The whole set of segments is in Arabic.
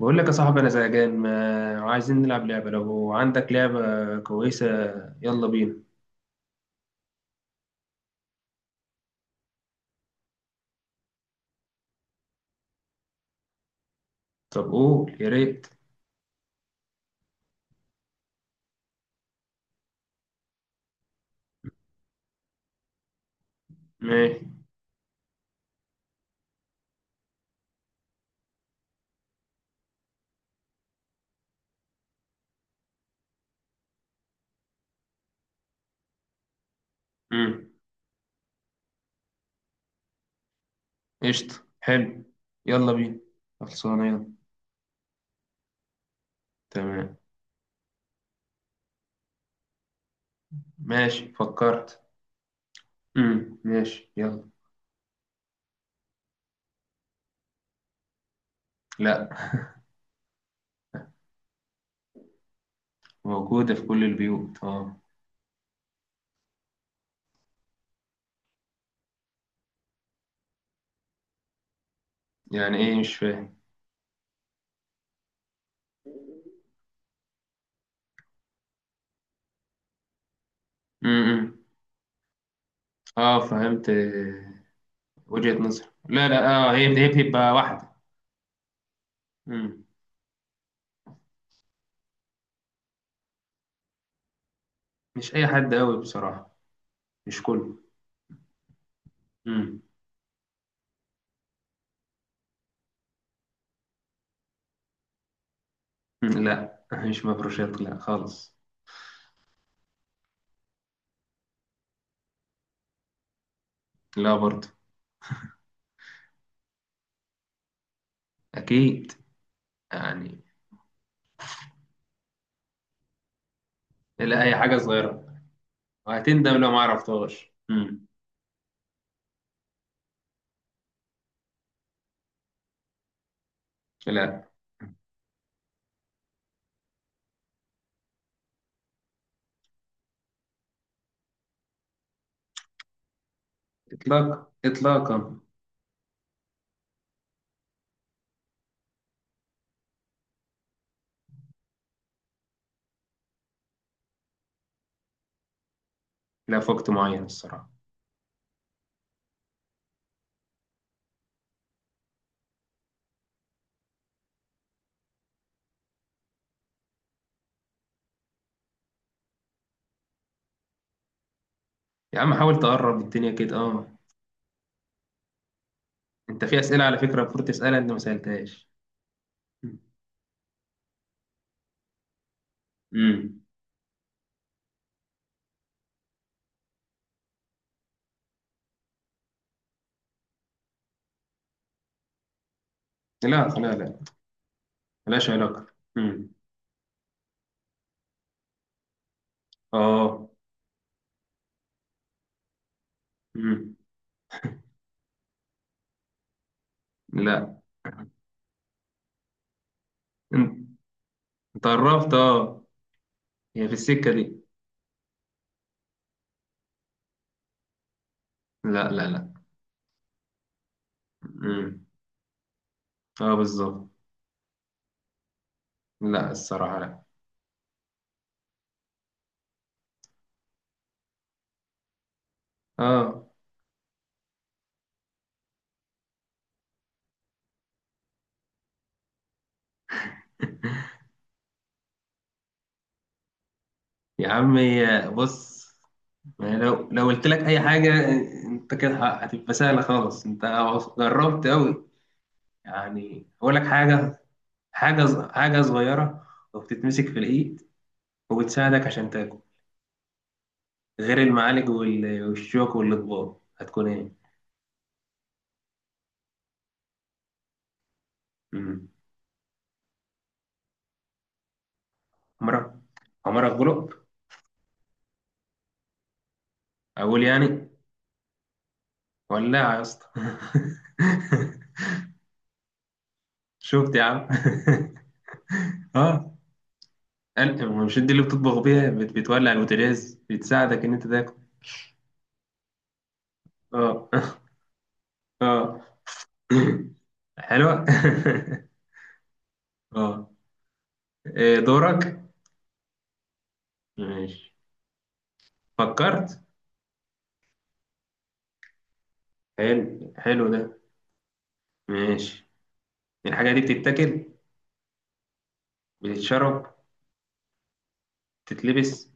بقول لك يا صاحبي، انا زهقان. ما عايزين نلعب لعبه؟ لو عندك لعبه كويسه يلا بينا. طب قول يا ريت. ماشي. امم. قشطه، حلو. يلا بينا. خلصانه، يلا. تمام. ماشي، فكرت. ماشي، يلا. لا. موجوده في كل البيوت، اه. يعني ايه؟ مش فاهم. امم. اه، فهمت، وجهه نظر. لا، لا، اه، هي بتبقى واحده. امم. مش اي حد قوي، بصراحه. مش كله. لا، مش مفروشات، لا خالص. لا برضه. اكيد، يعني. لا، اي حاجه صغيره. وهتندم لو ما عرفتهاش. مم. لا. اطلاق، اطلاقا. لا، في وقت معين الصراحه. يا عم، حاول تقرب الدنيا كده، اه. انت في اسئله على فكره المفروض تسالها، انت ما سالتهاش. امم. لا، لا، لا. ملهاش علاقه. امم. اه. امم. لا. انت. أنت قربت، اه. هي في السكه دي. لا، لا، لا. امم. اه، بالظبط. لا، الصراحه لا. اه. يا عمي، بص. ما هي لو قلت لك اي حاجه انت كده هتبقى سهله خالص. انت جربت قوي، يعني. اقول لك حاجه؟ حاجه حاجه صغيره، وبتتمسك في الايد، وبتساعدك عشان تاكل، غير المعالج والشوك والاطباق. هتكون ايه؟ مم. عمرك، عمرك غلب. اقول، يعني؟ ولاعه يا اسطى. شفت يا عم؟ اه. مش دي اللي بتطبخ بيها، بتولع البوتاجاز، بتساعدك ان انت تاكل. اه. اه. حلوة. اه. إيه دورك؟ ماشي، فكرت. حلو، حلو ده. ماشي. الحاجة دي بتتاكل؟ بتتشرب؟ بتتلبس؟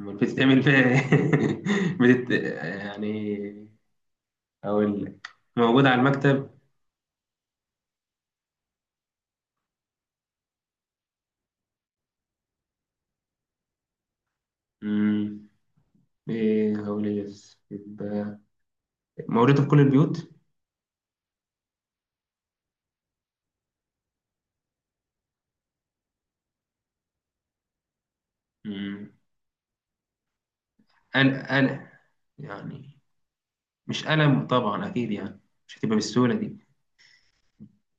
أمال بتتعمل فيها ايه؟ بتت... يعني، أقول لك. موجودة على المكتب. مم. ايه هقول، ايه بس؟ يبقى موجودة في كل البيوت. مم. أنا، يعني، مش قلم طبعا أكيد، يعني مش هتبقى بالسهولة دي.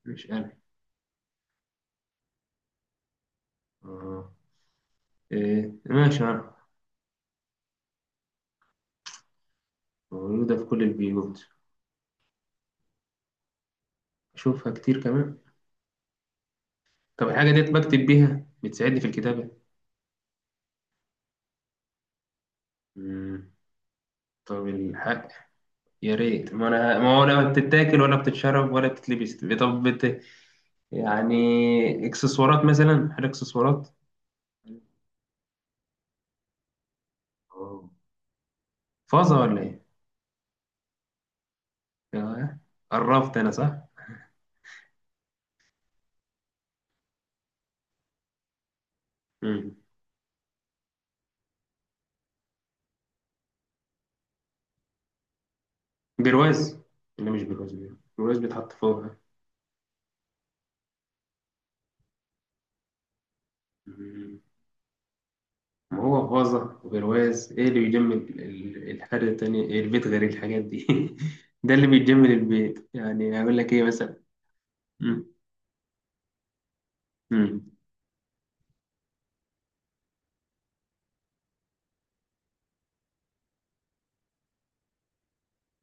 مش قلم. إيه، ماشي، أعرف. موجودة في كل البيوت. أشوفها كتير كمان. طب الحاجة ديت بكتب بيها، بتساعدني في الكتابة؟ مم. طب الحق، يا ريت. ما أنا، ما هو ولا بتتاكل ولا بتتشرب ولا بتتلبس. طب يعني، إكسسوارات مثلا، حاجة إكسسوارات. أوه. فازة ولا إيه؟ آه، قربت أنا، صح؟ مم. برواز؟ ولا مش برواز؟ برواز بيتحط فوقها. مم. ما هو غازة وبرواز، ايه اللي بيجمل الحاجة التانية، إيه البيت غير الحاجات دي؟ ده اللي بيجمل البيت، يعني هقول لك ايه مثلا. مم. مم.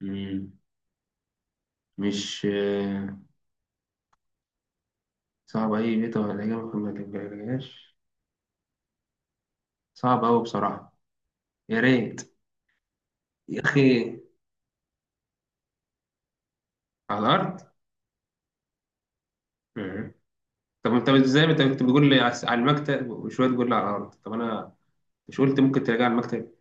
مم. مش صعب اي بيت، ولا إجابة ما تجيبهاش؟ صعب أوي بصراحة. يا ريت يا أخي. على الأرض. مم. طب انت ازاي، انت كنت بتقول لي على المكتب، وشوية تقول لي على الأرض؟ طب انا مش قلت ممكن تلاقيها على المكتب.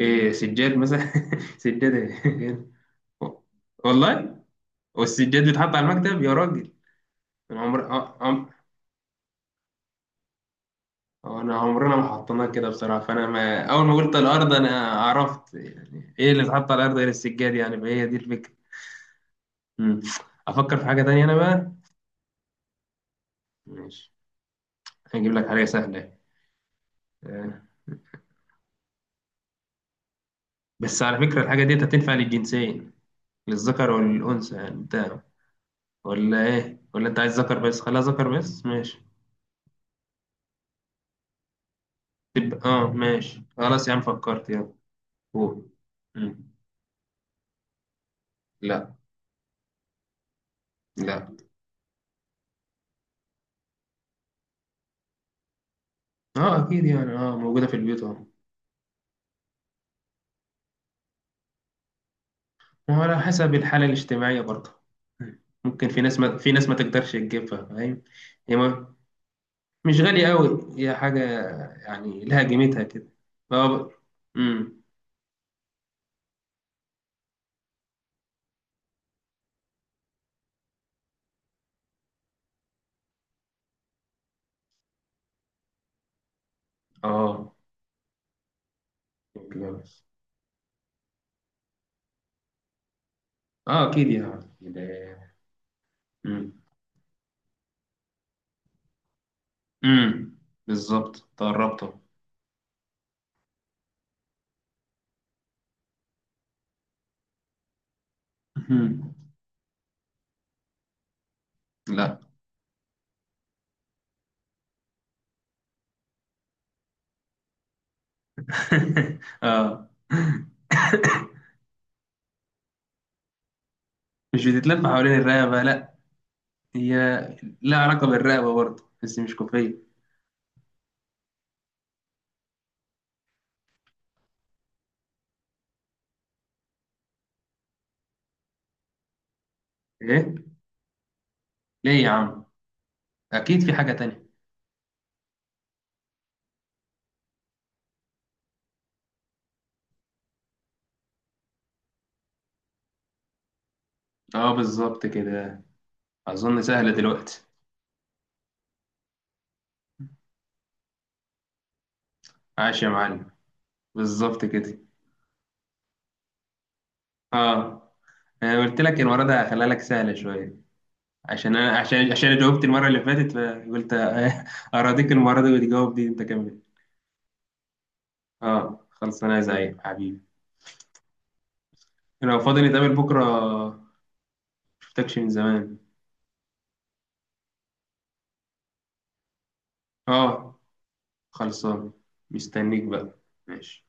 ايه، سجاد مثلا! سجادة. والله. والسجاد بيتحط على المكتب يا راجل؟ أنا عمر آه، عم... آه، انا عمرنا ما حطيناه كده بصراحه، فانا ما... اول ما قلت الارض انا عرفت يعني ايه اللي بيتحط على الارض غير السجاد، يعني فهي دي الفكره. مم. افكر في حاجه تانية انا بقى. ماشي. هجيب لك حاجه سهله. آه، بس على فكره الحاجه دي هتنفع للجنسين، للذكر والانثى يعني. انت ولا ايه؟ ولا انت عايز ذكر بس؟ خلاها ذكر بس، ماشي. تبقى اه، ماشي خلاص يا عم، فكرت. يلا، قول. مم. لا. لا. اه اكيد يعني، اه، موجوده في البيوت، اهو. ما هو على حسب الحالة الاجتماعية برضه. ممكن في ناس ما تقدرش تجيبها، فاهم؟ هي مش غالية قوي، هي حاجة يعني لها قيمتها كده. اه. امم. اه. الجواز. اه اكيد يعني امم. امم. بالظبط، تقربته. أمم. لا. اه. مش بتتلف حوالين الرقبة، لا. هي لها علاقة بالرقبة برضه، بس مش كوفية. ايه؟ ليه يا عم؟ اكيد في حاجة تانية. اه، بالظبط كده. أظن سهلة دلوقتي. عاش يا معلم! بالظبط كده. اه. أنا قلت لك المرة دي هخليها لك سهلة شوية، عشان أنا عشان جاوبت المرة اللي فاتت، فقلت أراضيك المرة دي وتجاوب دي أنت كمان. اه، خلص أنا زيك حبيبي. لو فاضي نتقابل بكرة، مشفتكش من زمان. اه، خلصان. مستنيك بقى. ماشي.